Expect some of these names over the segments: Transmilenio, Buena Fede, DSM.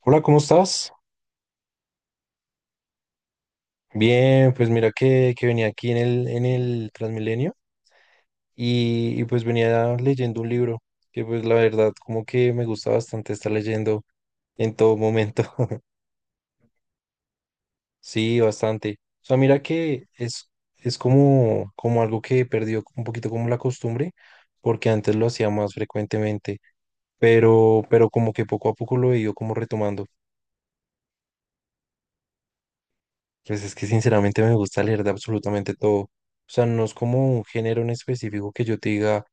Hola, ¿cómo estás? Bien, pues mira que venía aquí en el Transmilenio y pues venía leyendo un libro que pues la verdad como que me gusta bastante estar leyendo en todo momento. Sí, bastante. O sea, mira que es como, como algo que he perdido un poquito como la costumbre porque antes lo hacía más frecuentemente, pero como que poco a poco lo he ido como retomando. Pues es que sinceramente me gusta leer de absolutamente todo. O sea, no es como un género en específico que yo te diga,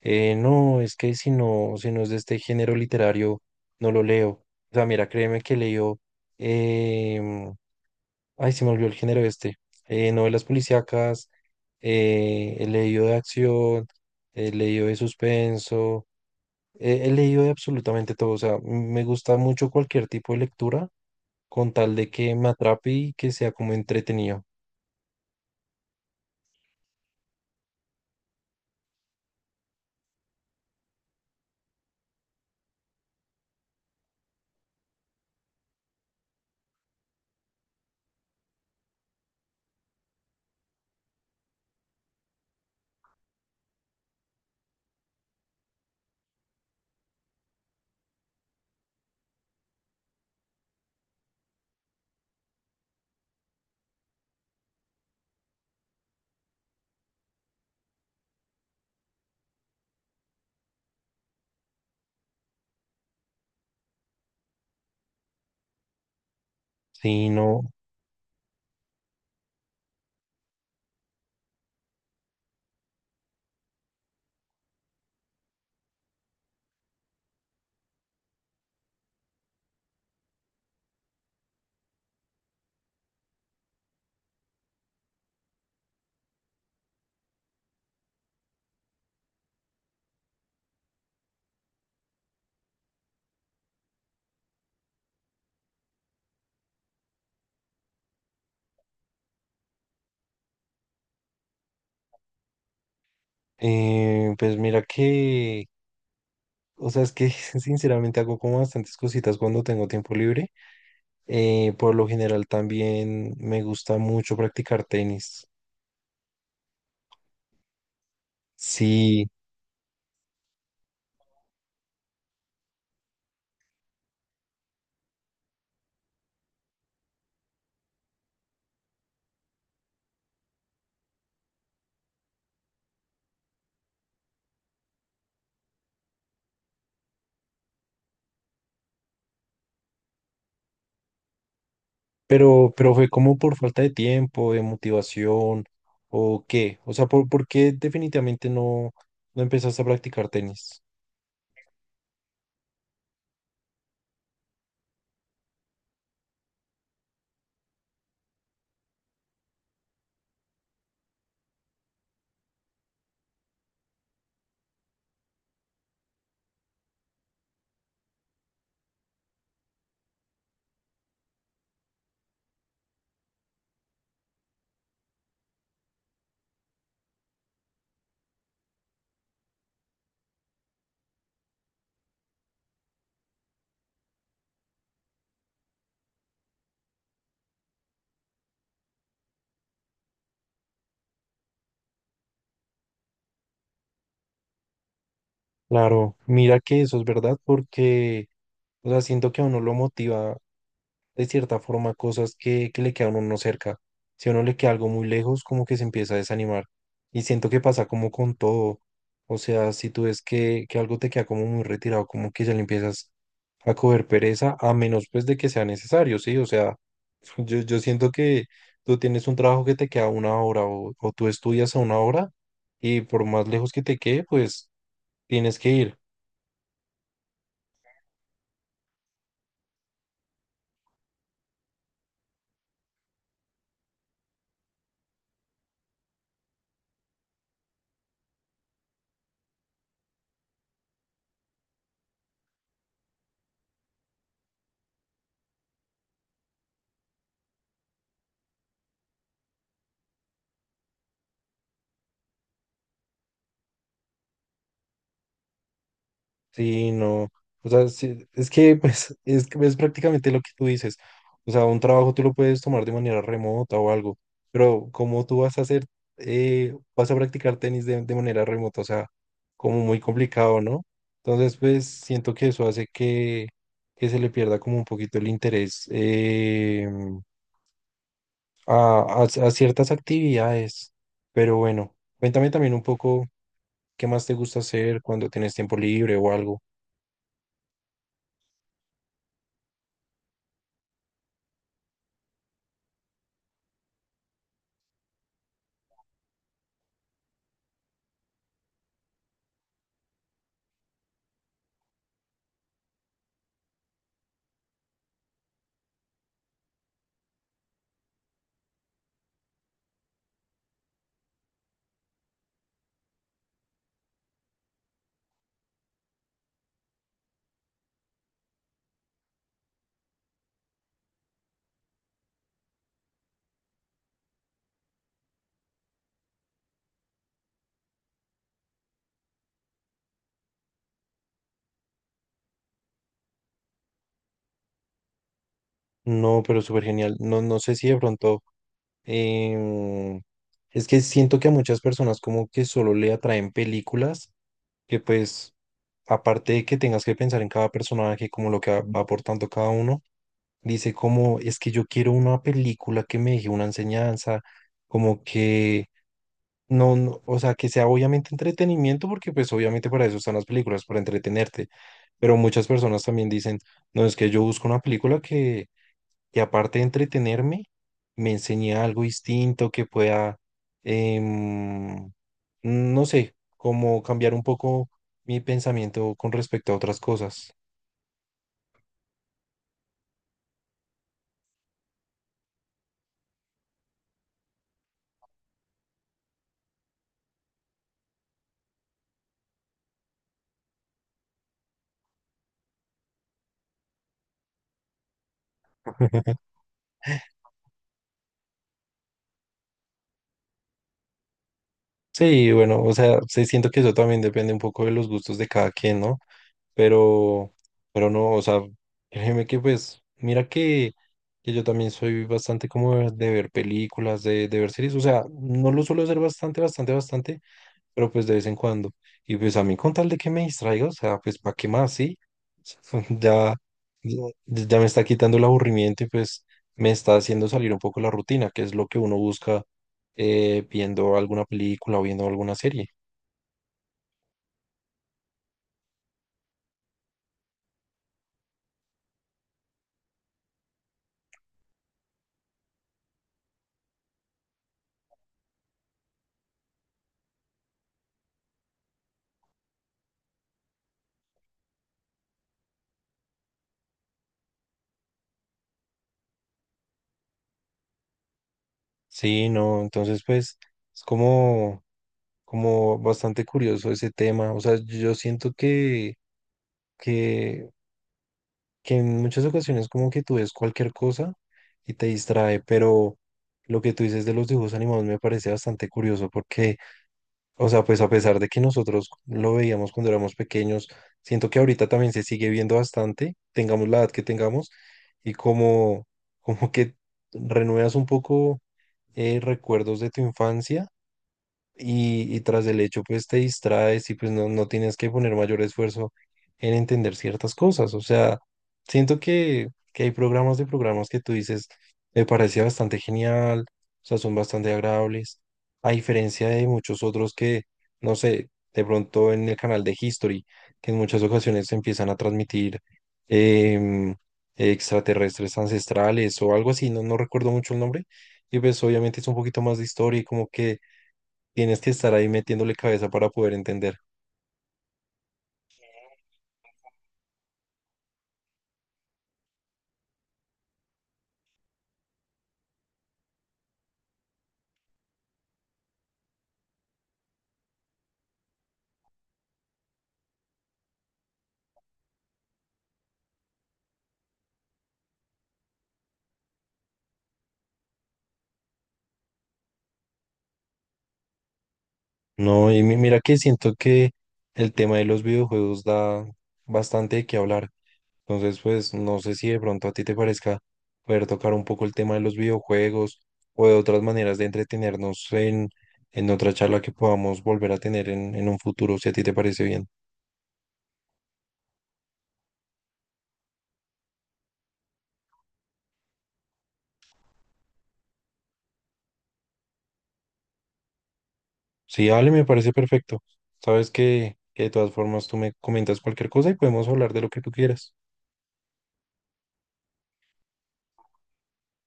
no, es que si no, si no es de este género literario, no lo leo. O sea, mira, créeme que leo, em, ay, se me olvidó el género este, novelas policíacas, he leído de acción, he leído de suspenso, he leído de absolutamente todo. O sea, me gusta mucho cualquier tipo de lectura con tal de que me atrape y que sea como entretenido. Sí, no, pues mira que, o sea, es que sinceramente hago como bastantes cositas cuando tengo tiempo libre. Por lo general también me gusta mucho practicar tenis. Sí, pero fue como por falta de tiempo, de motivación o qué. O sea, por qué definitivamente no empezaste a practicar tenis? Claro, mira que eso es verdad porque, o sea, siento que a uno lo motiva de cierta forma cosas que le quedan a uno no cerca. Si a uno le queda algo muy lejos, como que se empieza a desanimar. Y siento que pasa como con todo. O sea, si tú ves que algo te queda como muy retirado, como que ya le empiezas a coger pereza, a menos pues de que sea necesario, ¿sí? O sea, yo siento que tú tienes un trabajo que te queda una hora o tú estudias a una hora y por más lejos que te quede, pues tienes que ir. Sí, no. O sea, sí, es que pues, es, que es prácticamente lo que tú dices. O sea, un trabajo tú lo puedes tomar de manera remota o algo, pero ¿cómo tú vas a hacer, vas a practicar tenis de manera remota? O sea, como muy complicado, ¿no? Entonces, pues siento que eso hace que se le pierda como un poquito el interés a ciertas actividades. Pero bueno, cuéntame también un poco qué más te gusta hacer cuando tienes tiempo libre o algo. No, pero súper genial. No, no sé si de pronto em, es que siento que a muchas personas como que solo le atraen películas que pues, aparte de que tengas que pensar en cada personaje, como lo que va aportando cada uno, dice como, es que yo quiero una película que me deje una enseñanza, como que... No, no, o sea, que sea obviamente entretenimiento, porque pues obviamente para eso están las películas, para entretenerte. Pero muchas personas también dicen, no, es que yo busco una película que aparte de entretenerme, me enseñe algo distinto que pueda, em, no sé, como cambiar un poco mi pensamiento con respecto a otras cosas. Sí, bueno, o sea, sí siento que eso también depende un poco de los gustos de cada quien, ¿no? Pero, pero no, o sea, créeme que pues, mira que yo también soy bastante como de ver películas, de ver series, o sea, no lo suelo hacer bastante, bastante, bastante, pero pues de vez en cuando. Y pues a mí con tal de que me distraiga, o sea, pues ¿para qué más? Sí, ya, ya, ya me está quitando el aburrimiento y pues me está haciendo salir un poco la rutina, que es lo que uno busca viendo alguna película o viendo alguna serie. Sí, no, entonces pues es como, como bastante curioso ese tema. O sea, yo siento que que en muchas ocasiones como que tú ves cualquier cosa y te distrae, pero lo que tú dices de los dibujos animados me parece bastante curioso porque, o sea, pues a pesar de que nosotros lo veíamos cuando éramos pequeños, siento que ahorita también se sigue viendo bastante, tengamos la edad que tengamos, y como, como que renuevas un poco recuerdos de tu infancia y tras el hecho pues te distraes y pues no, no tienes que poner mayor esfuerzo en entender ciertas cosas. O sea, siento que hay programas de programas que tú dices, me parece bastante genial, o sea, son bastante agradables, a diferencia de muchos otros que, no sé, de pronto en el canal de History, que en muchas ocasiones empiezan a transmitir em, extraterrestres ancestrales o algo así, no, no recuerdo mucho el nombre. Y pues obviamente es un poquito más de historia y como que tienes que estar ahí metiéndole cabeza para poder entender. No, y mira que siento que el tema de los videojuegos da bastante de qué hablar. Entonces, pues no sé si de pronto a ti te parezca poder tocar un poco el tema de los videojuegos o de otras maneras de entretenernos en otra charla que podamos volver a tener en un futuro, si a ti te parece bien. Sí, Ale, me parece perfecto. Sabes que de todas formas tú me comentas cualquier cosa y podemos hablar de lo que tú quieras.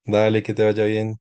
Dale, que te vaya bien.